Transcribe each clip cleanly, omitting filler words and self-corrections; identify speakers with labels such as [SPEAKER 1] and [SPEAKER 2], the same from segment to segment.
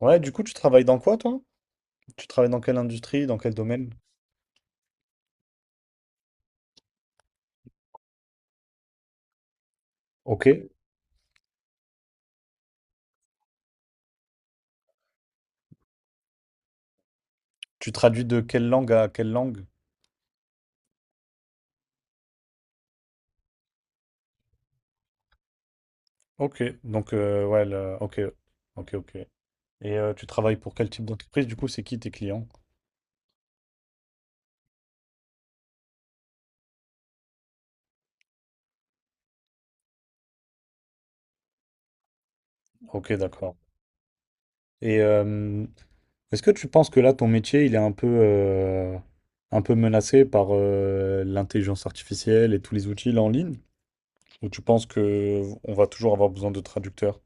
[SPEAKER 1] Ouais, du coup, tu travailles dans quoi, toi? Tu travailles dans quelle industrie, dans quel domaine? Ok. Tu traduis de quelle langue à quelle langue? Ok. Donc, ouais, ok. Ok, ok. Et tu travailles pour quel type d'entreprise? Du coup, c'est qui tes clients? Ok, d'accord. Et est-ce que tu penses que là, ton métier, il est un peu menacé par l'intelligence artificielle et tous les outils là en ligne? Ou tu penses que on va toujours avoir besoin de traducteurs?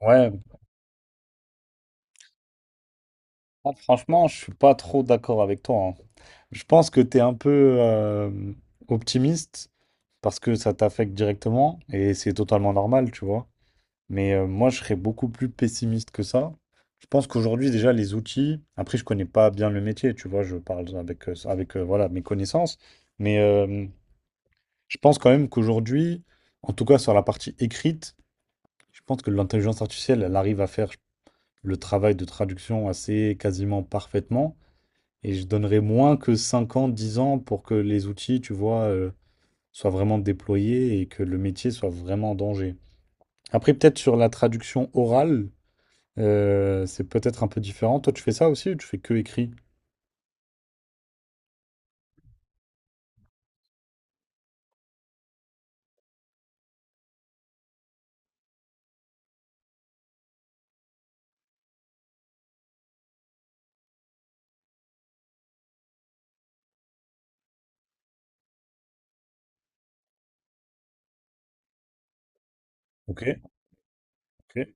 [SPEAKER 1] Ouais. Ah, franchement, je suis pas trop d'accord avec toi. Je pense que tu es un peu optimiste parce que ça t'affecte directement et c'est totalement normal, tu vois. Mais moi, je serais beaucoup plus pessimiste que ça. Je pense qu'aujourd'hui, déjà, les outils, après, je connais pas bien le métier, tu vois, je parle avec, avec voilà, mes connaissances. Mais je pense quand même qu'aujourd'hui, en tout cas sur la partie écrite, je pense que l'intelligence artificielle, elle arrive à faire le travail de traduction assez quasiment parfaitement. Et je donnerais moins que 5 ans, 10 ans pour que les outils, tu vois, soient vraiment déployés et que le métier soit vraiment en danger. Après, peut-être sur la traduction orale, c'est peut-être un peu différent. Toi, tu fais ça aussi ou tu fais que écrit? Ok, ok.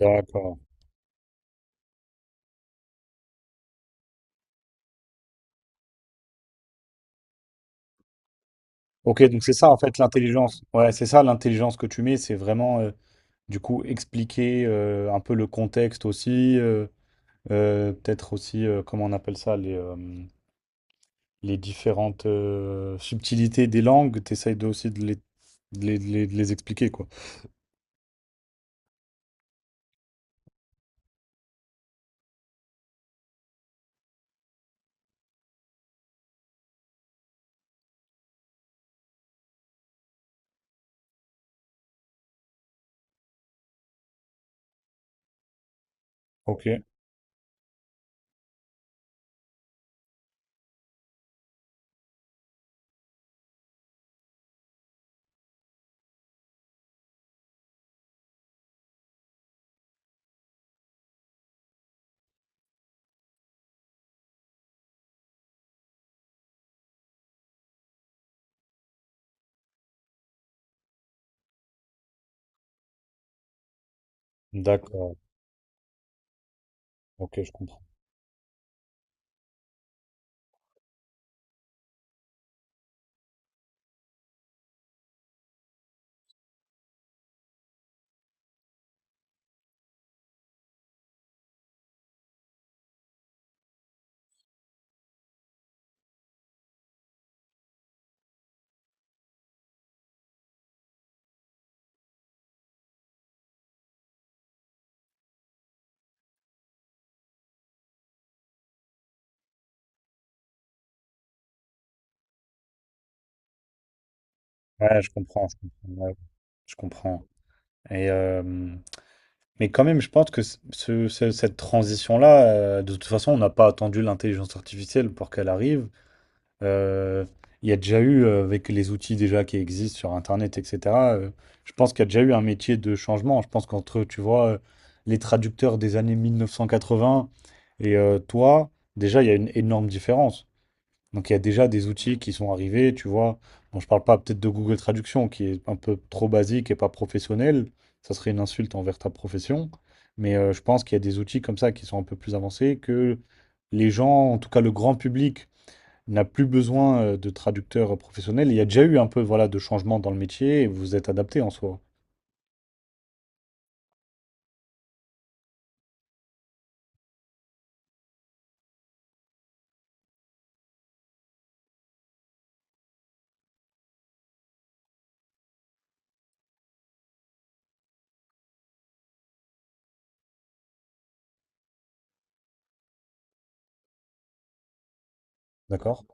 [SPEAKER 1] D'accord. Ok, donc c'est ça en fait l'intelligence. Ouais, c'est ça l'intelligence que tu mets, c'est vraiment du coup expliquer un peu le contexte aussi. Peut-être aussi, comment on appelle ça, les différentes subtilités des langues, t'essayes de, aussi de les, de les expliquer, quoi. Ok. D'accord, ok, je comprends. Ouais, je comprends. Ouais, je comprends. Et, mais quand même, je pense que cette transition-là, de toute façon, on n'a pas attendu l'intelligence artificielle pour qu'elle arrive. Euh, il y a déjà eu, avec les outils déjà qui existent sur Internet, etc., je pense qu'il y a déjà eu un métier de changement. Je pense qu'entre, tu vois, les traducteurs des années 1980 et toi, déjà, il y a une énorme différence. Donc, il y a déjà des outils qui sont arrivés, tu vois. Bon, je parle pas peut-être de Google Traduction, qui est un peu trop basique et pas professionnel. Ça serait une insulte envers ta profession. Mais je pense qu'il y a des outils comme ça qui sont un peu plus avancés que les gens, en tout cas le grand public, n'a plus besoin de traducteurs professionnels. Il y a déjà eu un peu voilà, de changement dans le métier et vous vous êtes adapté en soi. D'accord?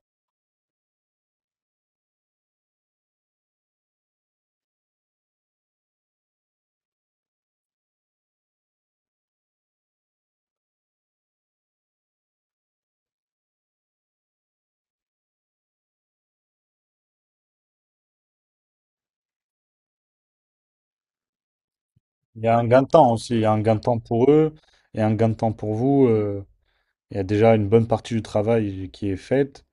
[SPEAKER 1] Il y a un gain de temps aussi. Il y a un gain de temps pour eux et un gain de temps pour vous. Il y a déjà une bonne partie du travail qui est faite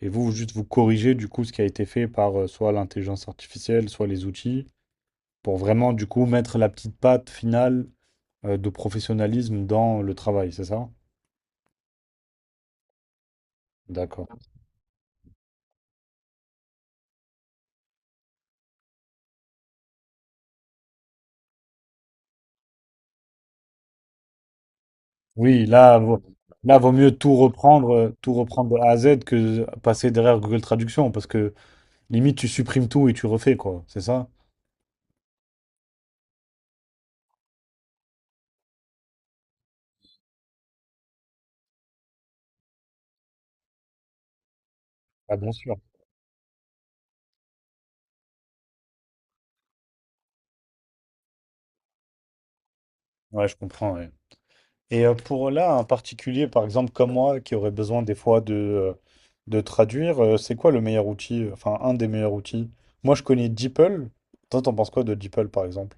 [SPEAKER 1] et vous, vous juste vous corrigez du coup ce qui a été fait par soit l'intelligence artificielle, soit les outils pour vraiment du coup mettre la petite patte finale de professionnalisme dans le travail, c'est ça? D'accord. Oui, là, vaut mieux tout reprendre de A à Z que passer derrière Google Traduction, parce que limite, tu supprimes tout et tu refais, quoi. C'est ça? Ah, bien sûr. Ouais, je comprends, ouais. Et pour là, un particulier, par exemple, comme moi, qui aurait besoin des fois de traduire, c'est quoi le meilleur outil, enfin, un des meilleurs outils? Moi, je connais DeepL. Toi, t'en penses quoi de DeepL, par exemple?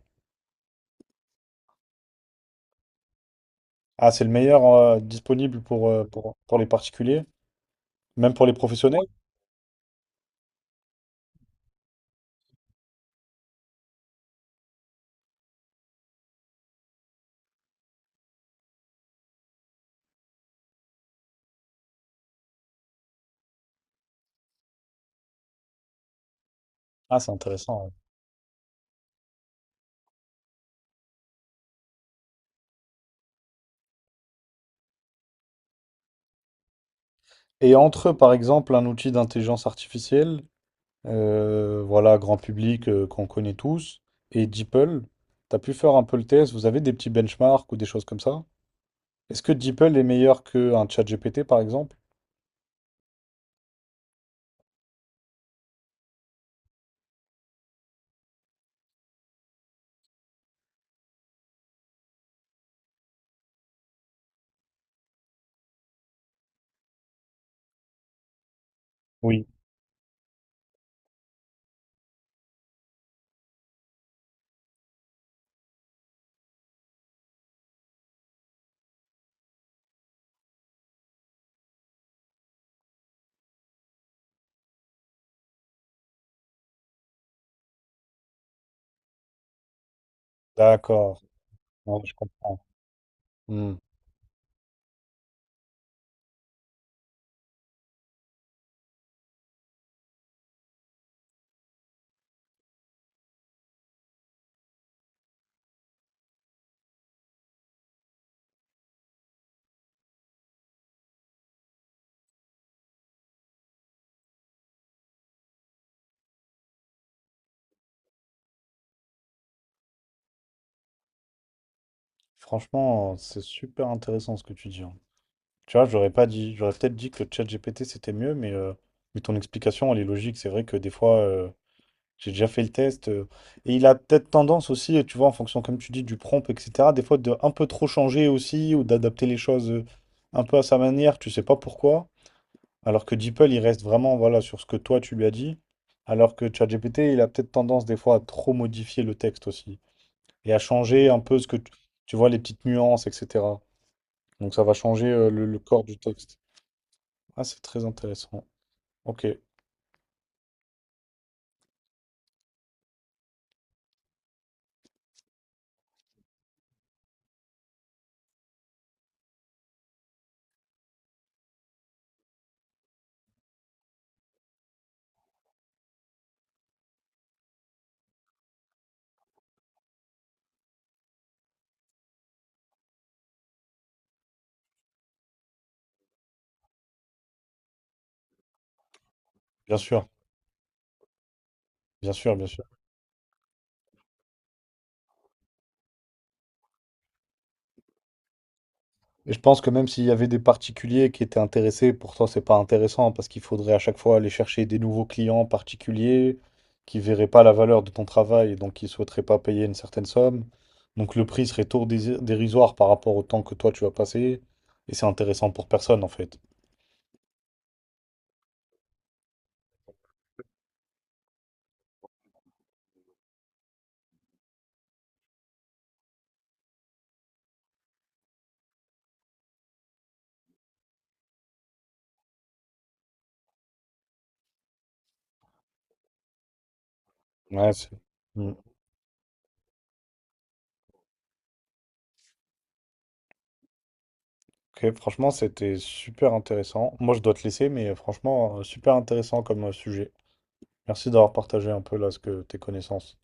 [SPEAKER 1] Ah, c'est le meilleur disponible pour les particuliers, même pour les professionnels? Ah, c'est intéressant. Ouais. Et entre, eux, par exemple, un outil d'intelligence artificielle, voilà, grand public qu'on connaît tous, et DeepL, t'as pu faire un peu le test, vous avez des petits benchmarks ou des choses comme ça? Est-ce que DeepL est meilleur qu'un ChatGPT, par exemple? Oui. D'accord. Ouais, je comprends. Hmm. Franchement, c'est super intéressant ce que tu dis, hein. Tu vois, j'aurais pas dit, j'aurais peut-être dit que ChatGPT c'était mieux, mais ton explication, elle est logique. C'est vrai que des fois, j'ai déjà fait le test. Et il a peut-être tendance aussi, tu vois, en fonction, comme tu dis, du prompt, etc., des fois de un peu trop changer aussi, ou d'adapter les choses un peu à sa manière, tu sais pas pourquoi. Alors que DeepL, il reste vraiment, voilà, sur ce que toi, tu lui as dit. Alors que ChatGPT, il a peut-être tendance des fois à trop modifier le texte aussi. Et à changer un peu ce que tu vois, les petites nuances, etc. Donc ça va changer le corps du texte. Ah, c'est très intéressant. Ok, bien sûr, bien sûr. Et je pense que même s'il y avait des particuliers qui étaient intéressés, pour toi, c'est pas intéressant parce qu'il faudrait à chaque fois aller chercher des nouveaux clients particuliers qui verraient pas la valeur de ton travail et donc qui souhaiteraient pas payer une certaine somme. Donc le prix serait tout dérisoire par rapport au temps que toi tu vas passer et c'est intéressant pour personne en fait. Ouais, c'est- Mm. Ok, franchement, c'était super intéressant. Moi, je dois te laisser, mais franchement, super intéressant comme sujet. Merci d'avoir partagé un peu là ce que tes connaissances.